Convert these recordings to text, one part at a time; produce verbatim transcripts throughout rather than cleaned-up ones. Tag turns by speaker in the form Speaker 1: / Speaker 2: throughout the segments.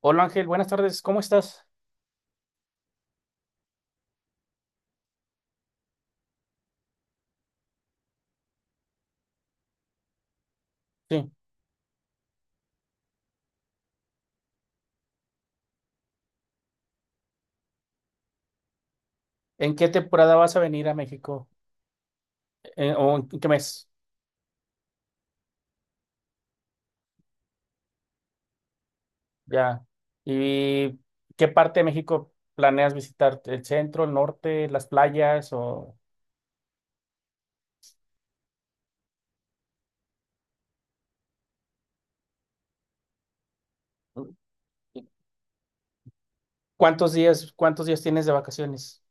Speaker 1: Hola Ángel, buenas tardes, ¿cómo estás? Sí. ¿En qué temporada vas a venir a México? Eh, ¿o en qué mes? Ya. ¿Y qué parte de México planeas visitar? ¿El centro, el norte, las playas o cuántos días, cuántos días tienes de vacaciones?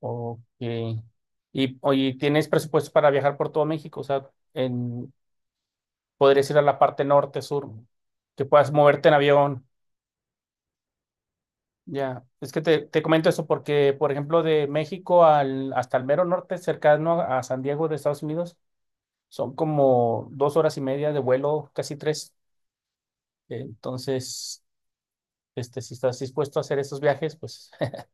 Speaker 1: Ok. Y, oye, ¿tienes presupuesto para viajar por todo México? O sea, en, podrías ir a la parte norte, sur, que puedas moverte en avión. Ya, es que te, te comento eso porque, por ejemplo, de México al, hasta el mero norte, cercano a San Diego de Estados Unidos, son como dos horas y media de vuelo, casi tres. Entonces, este, si estás dispuesto a hacer esos viajes, pues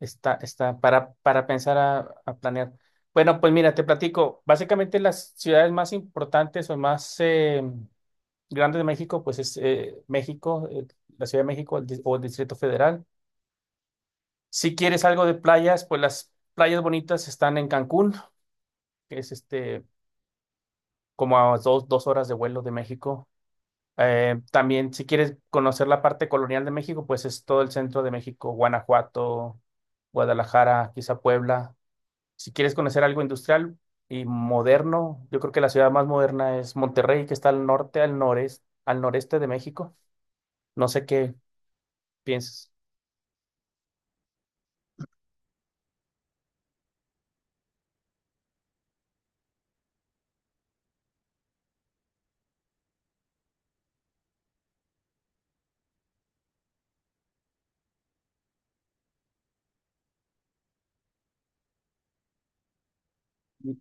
Speaker 1: está, está para, para pensar a, a planear. Bueno, pues mira, te platico. Básicamente las ciudades más importantes o más eh, grandes de México, pues es eh, México, eh, la Ciudad de México el di- o el Distrito Federal. Si quieres algo de playas, pues las playas bonitas están en Cancún, que es este, como a dos, dos horas de vuelo de México. Eh, también, si quieres conocer la parte colonial de México, pues es todo el centro de México, Guanajuato, Guadalajara, quizá Puebla. Si quieres conocer algo industrial y moderno, yo creo que la ciudad más moderna es Monterrey, que está al norte, al noreste, al noreste, de México. No sé qué piensas.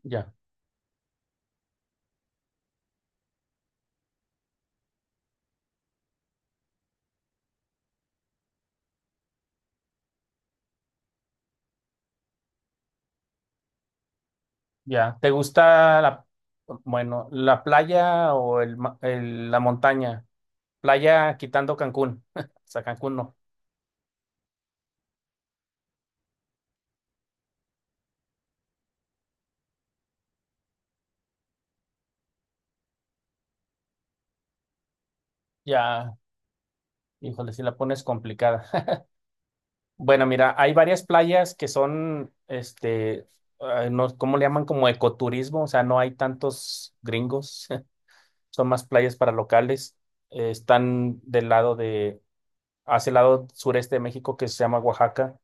Speaker 1: Ya. Ya, ¿te gusta la, bueno, la playa o el, ma- el- la montaña? Playa quitando Cancún. O sea, Cancún no. Ya, híjole, si la pones complicada. Bueno, mira, hay varias playas que son, este, ay, no, ¿cómo le llaman? Como ecoturismo, o sea, no hay tantos gringos, son más playas para locales. Eh, están del lado de, hacia el lado sureste de México que se llama Oaxaca.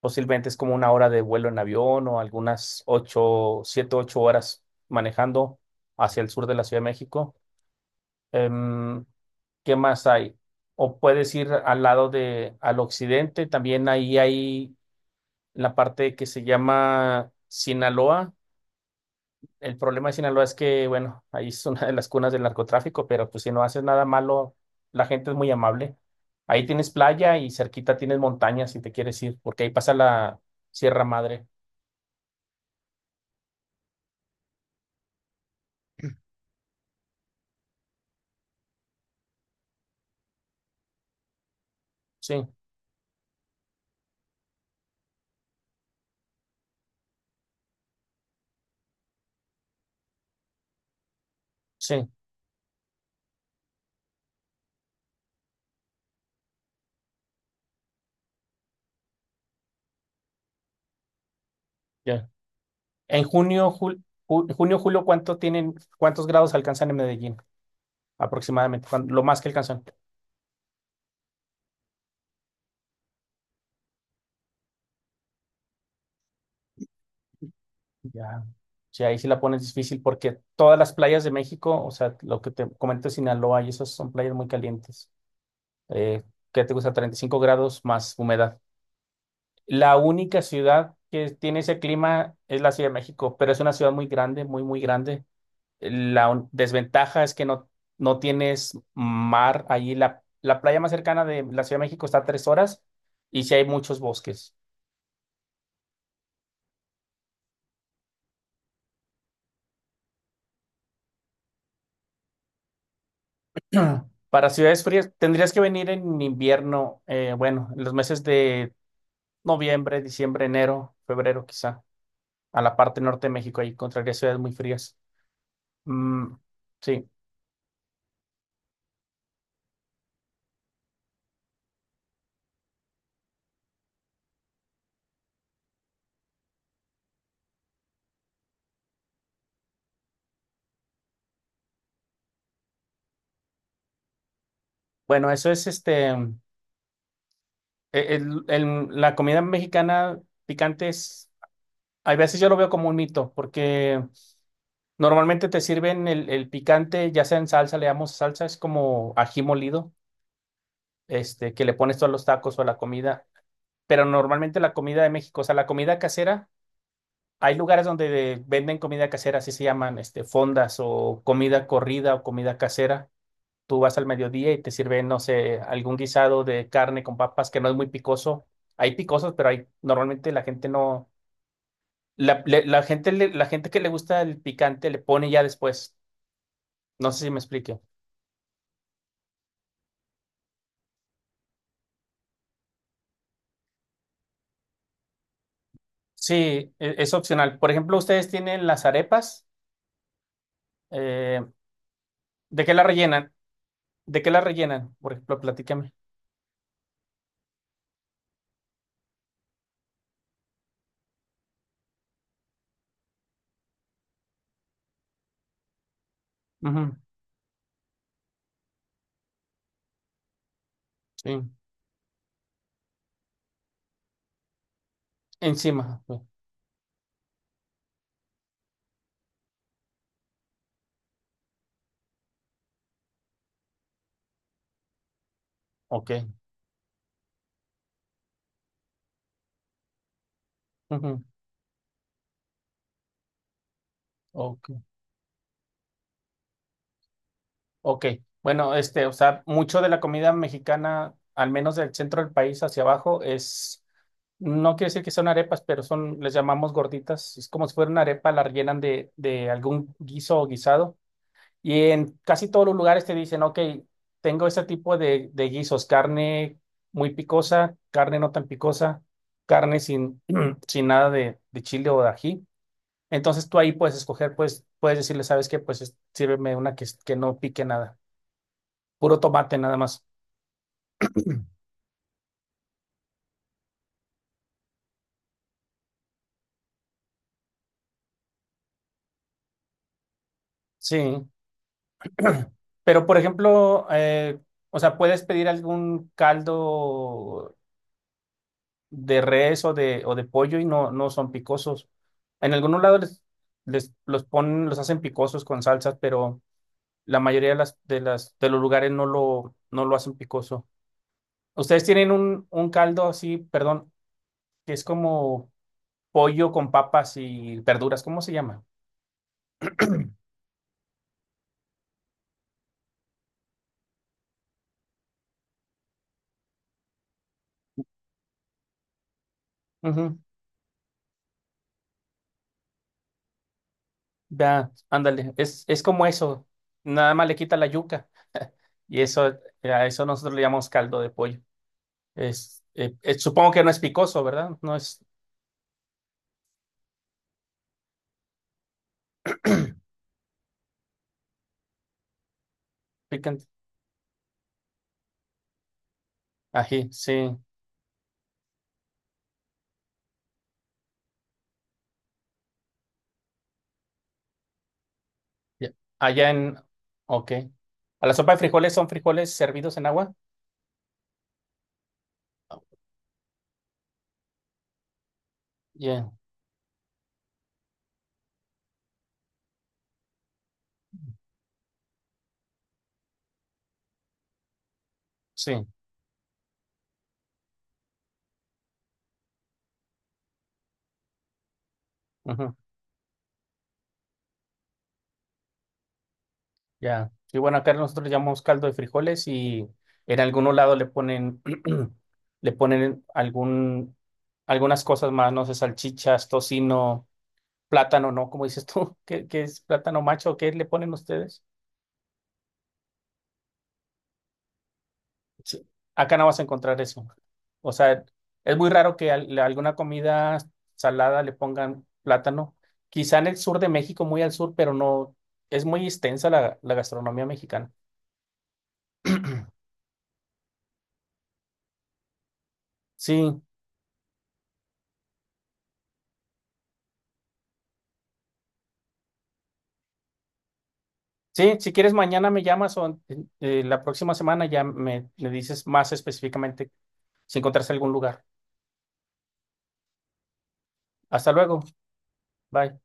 Speaker 1: Posiblemente es como una hora de vuelo en avión o algunas ocho, siete, ocho horas manejando hacia el sur de la Ciudad de México. Em, ¿Qué más hay? O puedes ir al lado de, al occidente, también ahí hay la parte que se llama Sinaloa. El problema de Sinaloa es que, bueno, ahí es una de las cunas del narcotráfico, pero pues si no haces nada malo, la gente es muy amable. Ahí tienes playa y cerquita tienes montañas si te quieres ir, porque ahí pasa la Sierra Madre. Sí. Sí, ya. En junio, jul- ju- junio, julio, ¿cuánto tienen, cuántos grados alcanzan en Medellín aproximadamente? Cuan- Lo más que alcanzan. Ya. Sí, ahí sí la pones difícil porque todas las playas de México, o sea, lo que te comento, Sinaloa, y esas son playas muy calientes. Eh, ¿Qué te gusta? Treinta y cinco grados más humedad. La única ciudad que tiene ese clima es la Ciudad de México, pero es una ciudad muy grande, muy, muy grande. La un- desventaja es que no, no tienes mar allí. La, la playa más cercana de la Ciudad de México está a tres horas y sí hay muchos bosques. Para ciudades frías, tendrías que venir en invierno, eh, bueno, en los meses de noviembre, diciembre, enero, febrero quizá, a la parte norte de México, ahí encontrarías ciudades muy frías. Mm, sí, bueno, eso es este, el- el- el- la comida mexicana picante es, a veces yo lo veo como un mito, porque normalmente te sirven el, el picante, ya sea en salsa, le damos salsa, es como ají molido, este, que le pones tú a los tacos o a la comida. Pero normalmente la comida de México, o sea, la comida casera, hay lugares donde de- venden comida casera, así se llaman, este, fondas o comida corrida o comida casera. Tú vas al mediodía y te sirven, no sé, algún guisado de carne con papas que no es muy picoso. Hay picosos, pero hay, normalmente la gente no, la, le- la gente, le- la gente que le gusta el picante le pone ya después. No sé si me explique. Sí, e- es opcional. Por ejemplo, ustedes tienen las arepas. eh, ¿De qué la rellenan? ¿De qué la rellenan? Por ejemplo, platícame. Ujú, sí. Encima. Sí. Ok. Ujú, ok. Ok. Bueno, este, o sea, mucho de la comida mexicana, al menos del centro del país hacia abajo, es, no quiere decir que son arepas, pero son, les llamamos gorditas. Es como si fuera una arepa, la rellenan de, de algún guiso o guisado. Y en casi todos los lugares te dicen, ok, tengo este tipo de, de guisos, carne muy picosa, carne no tan picosa, carne sin, sin nada de, de chile o de ají. Entonces tú ahí puedes escoger, pues puedes decirle, ¿sabes qué? Pues es- sírveme una que, que no pique nada, puro tomate nada más. Sí, pero por ejemplo, eh, o sea, puedes pedir algún caldo de res o de, o de pollo y no, no son picosos. En algunos lados les, les- los ponen, los hacen picosos con salsas, pero la mayoría de las, de las, de los lugares no lo, no lo hacen picoso. Ustedes tienen un, un caldo así, perdón, que es como pollo con papas y verduras, ¿cómo se llama? Ujú. Ya, ándale, es, es como eso, nada más le quita la yuca y eso, a eso nosotros le llamamos caldo de pollo. Es, eh, eh, supongo que no es picoso, ¿verdad? No es picante. Ají, sí. Ya- Allá en... Ok. ¿A la sopa de frijoles son frijoles servidos en agua? Yeah, sí. Ujú. Ya. Y bueno, acá nosotros le llamamos caldo de frijoles y en algún lado le ponen, le ponen algún, algunas cosas más, no sé, salchichas, tocino, plátano, ¿no? ¿Como dices tú? ¿Qué, qué es plátano macho? ¿Qué le ponen ustedes? Sí, acá no vas a encontrar eso. O sea, es muy raro que al- le- alguna comida salada le pongan plátano. Quizá en el sur de México, muy al sur, pero no, es muy extensa la, la gastronomía mexicana. Sí, sí, si quieres mañana me llamas o eh, la próxima semana ya me, me dices más específicamente si encontraste algún lugar. Hasta luego, bye.